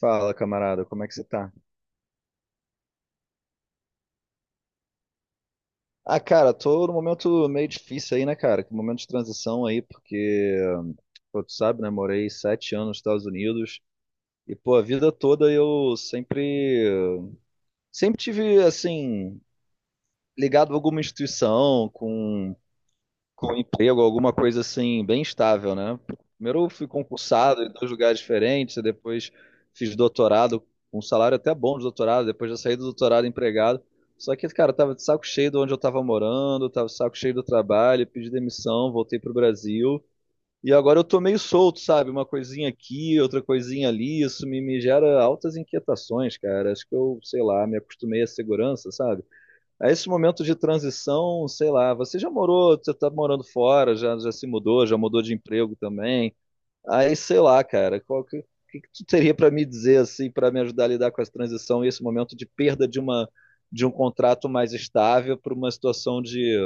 Fala, camarada, como é que você tá? Ah, cara, tô num momento meio difícil aí, né, cara? Que momento de transição aí, porque, pô, tu sabe, né? Morei 7 anos nos Estados Unidos e, pô, a vida toda eu sempre tive, assim, ligado a alguma instituição, com emprego, alguma coisa assim, bem estável, né? Primeiro eu fui concursado em 2 lugares diferentes, e depois fiz doutorado, um salário até bom de doutorado, depois já saí do doutorado empregado. Só que, cara, eu tava de saco cheio de onde eu tava morando, tava de saco cheio do trabalho, pedi demissão, voltei pro Brasil. E agora eu tô meio solto, sabe? Uma coisinha aqui, outra coisinha ali, isso me gera altas inquietações, cara. Acho que eu, sei lá, me acostumei à segurança, sabe? A esse momento de transição, sei lá, você já morou, você tá morando fora, já se mudou, já mudou de emprego também. Aí, sei lá, cara, o que que tu teria para me dizer assim, para me ajudar a lidar com essa transição e esse momento de perda de um contrato mais estável para uma situação de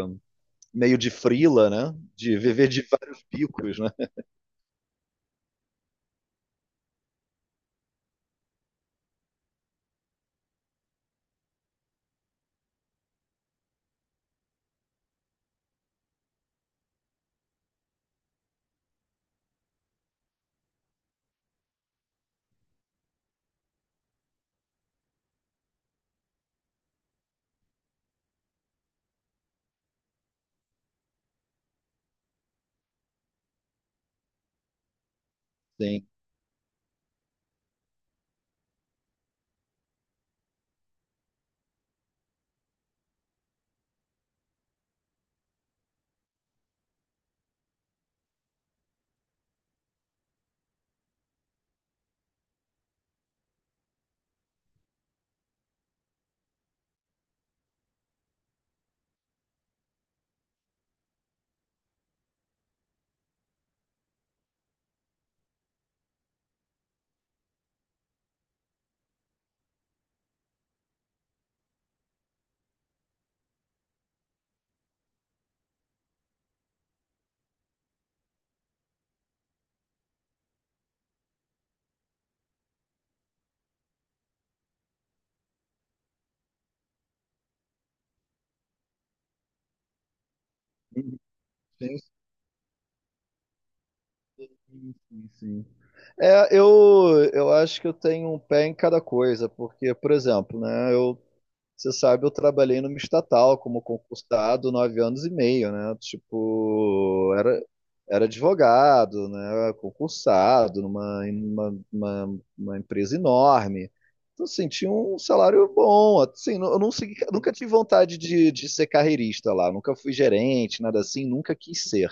meio de frila, né? De viver de vários bicos, né? Sim. Sim, sim, sim, sim. É, eu acho que eu tenho um pé em cada coisa, porque, por exemplo, né, eu você sabe, eu trabalhei numa estatal como concursado 9 anos e meio, né? Tipo, era advogado, né? Concursado numa uma empresa enorme. Então, assim, tinha um salário bom. Assim, eu não segui- nunca tive vontade de ser carreirista lá, nunca fui gerente, nada assim, nunca quis ser.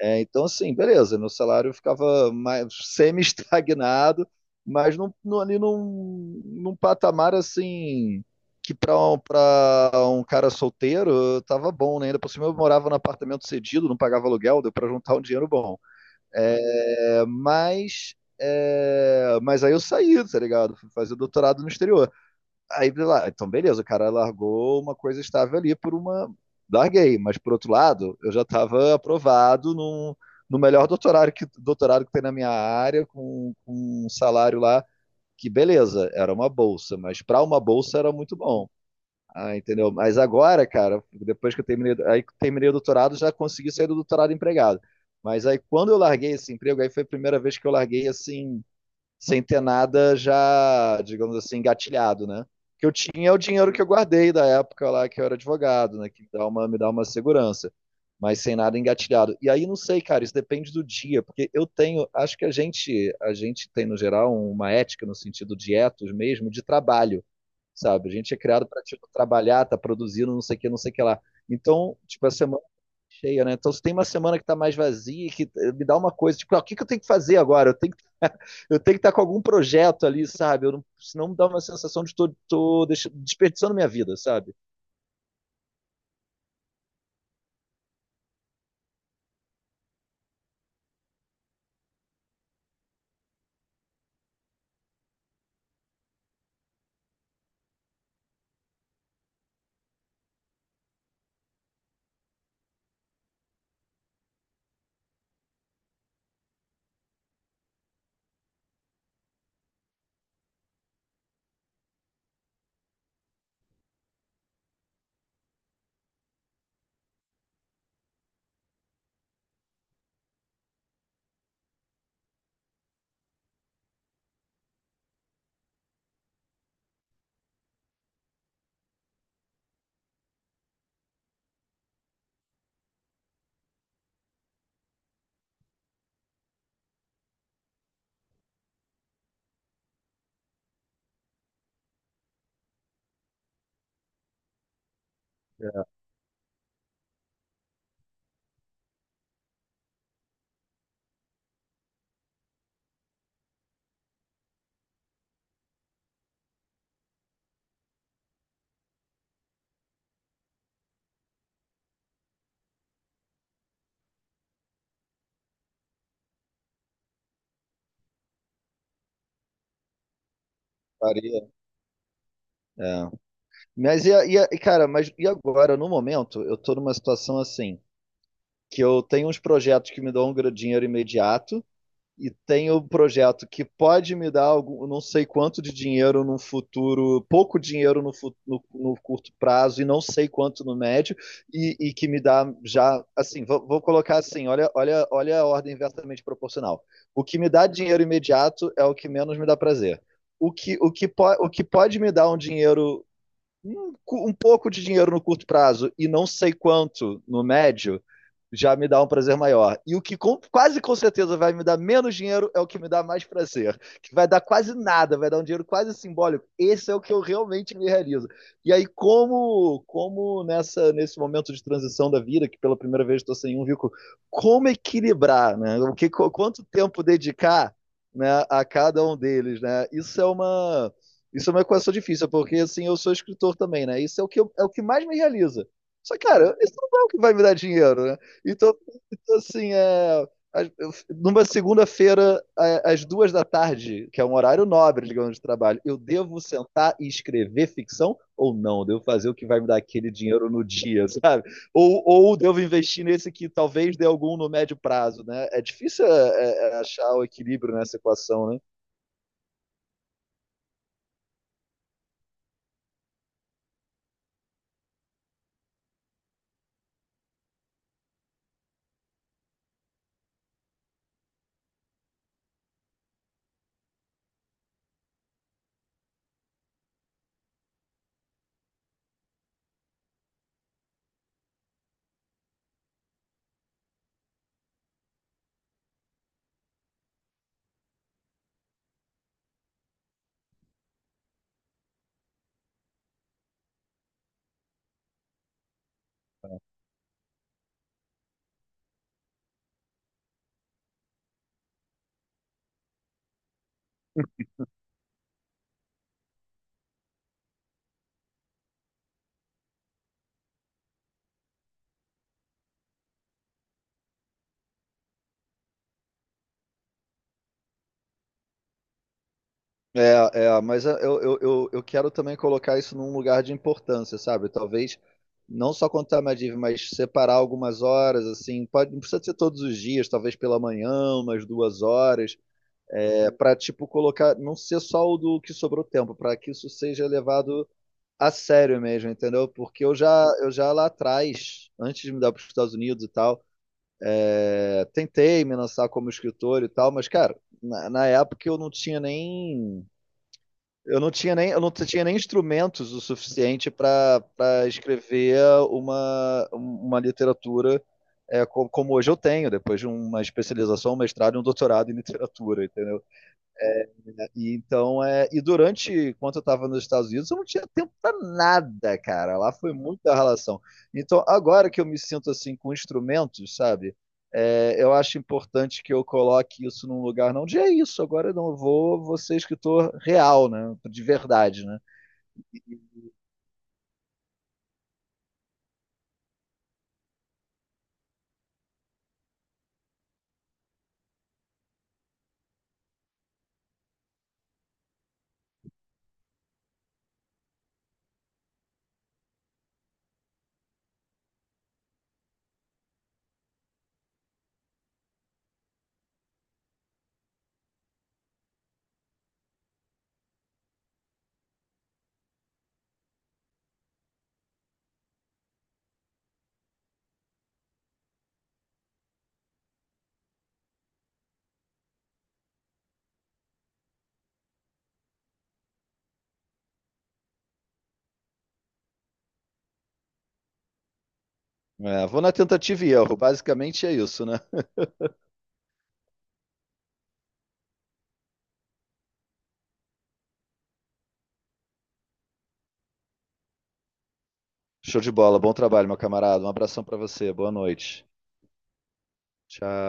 É, então, assim, beleza, meu salário ficava mais semi-estagnado, mas ali num patamar assim que pra um cara solteiro tava bom, né? Ainda por cima eu morava num apartamento cedido, não pagava aluguel, deu para juntar um dinheiro bom. É, mas, aí eu saí, tá ligado? Fui fazer doutorado no exterior. Aí, lá, então, beleza, o cara largou uma coisa estável ali por uma. Larguei, mas por outro lado, eu já estava aprovado no melhor doutorado que tem na minha área, com um salário lá que, beleza, era uma bolsa, mas para uma bolsa era muito bom. Ah, entendeu? Mas agora, cara, depois que eu terminei, aí que terminei o doutorado, já consegui sair do doutorado empregado. Mas aí quando eu larguei esse emprego, aí foi a primeira vez que eu larguei assim, sem ter nada já, digamos assim, engatilhado, né? O que eu tinha é o dinheiro que eu guardei da época lá que eu era advogado, né? Que me dá uma segurança, mas sem nada engatilhado. E aí não sei, cara, isso depende do dia, porque eu tenho, acho que a gente tem no geral uma ética no sentido de etos mesmo, de trabalho, sabe? A gente é criado para tipo trabalhar, tá produzindo, não sei o que, não sei o que lá. Então, tipo, a semana cheia, né? Então, se tem uma semana que tá mais vazia, que me dá uma coisa, tipo, ah, que eu tenho que fazer agora? Eu tenho que eu tenho que estar com algum projeto ali, sabe? Eu não, senão me dá uma sensação de desperdiçando minha vida, sabe? É, faria, é. Mas, cara, mas e agora, no momento, eu tô numa situação assim, que eu tenho uns projetos que me dão dinheiro imediato, e tem o projeto que pode me dar algum, não sei quanto de dinheiro no futuro, pouco dinheiro no curto prazo e não sei quanto no médio, e que me dá já, assim, vou colocar assim, olha, olha, olha a ordem inversamente proporcional. O que me dá dinheiro imediato é o que menos me dá prazer. O que pode me dar um, um pouco de dinheiro no curto prazo e não sei quanto no médio, já me dá um prazer maior. E o que quase com certeza vai me dar menos dinheiro é o que me dá mais prazer. Que vai dar quase nada, vai dar um dinheiro quase simbólico. Esse é o que eu realmente me realizo. E aí, nesse momento de transição da vida, que pela primeira vez estou sem um rico, como equilibrar, né? Quanto tempo dedicar, né, a cada um deles, né? Isso é uma equação difícil, porque assim, eu sou escritor também, né? Isso é o que, é o que mais me realiza. Só que, cara, isso não é o que vai me dar dinheiro, né? Então, assim, é, as- eu- numa segunda-feira, às 2 da tarde, que é um horário nobre, digamos, de trabalho, eu devo sentar e escrever ficção ou não? Devo fazer o que vai me dar aquele dinheiro no dia, sabe? Ou devo investir nesse que talvez dê algum no médio prazo, né? É difícil é achar o equilíbrio nessa equação, né? Mas eu quero também colocar isso num lugar de importância, sabe? Talvez não só contar a Madiv, mas separar algumas horas, assim, pode, não precisa ser todos os dias, talvez pela manhã, umas 2 horas, é, para tipo colocar, não ser só o do que sobrou tempo, para que isso seja levado a sério mesmo, entendeu? Porque eu já lá atrás, antes de me dar para os Estados Unidos e tal, é, tentei me lançar como escritor e tal, mas cara, na época eu não tinha nem instrumentos o suficiente para escrever uma literatura é, como hoje eu tenho, depois de uma especialização, um mestrado e um doutorado em literatura, entendeu? E durante, enquanto eu estava nos Estados Unidos, eu não tinha tempo para nada, cara. Lá foi muita relação. Então, agora que eu me sinto assim com instrumentos, sabe? É, eu acho importante que eu coloque isso num lugar não de é isso, agora eu não vou, vou ser escritor real, né? De verdade, né? É, vou na tentativa e erro. Basicamente é isso, né? Show de bola. Bom trabalho, meu camarada. Um abração pra você. Boa noite. Tchau.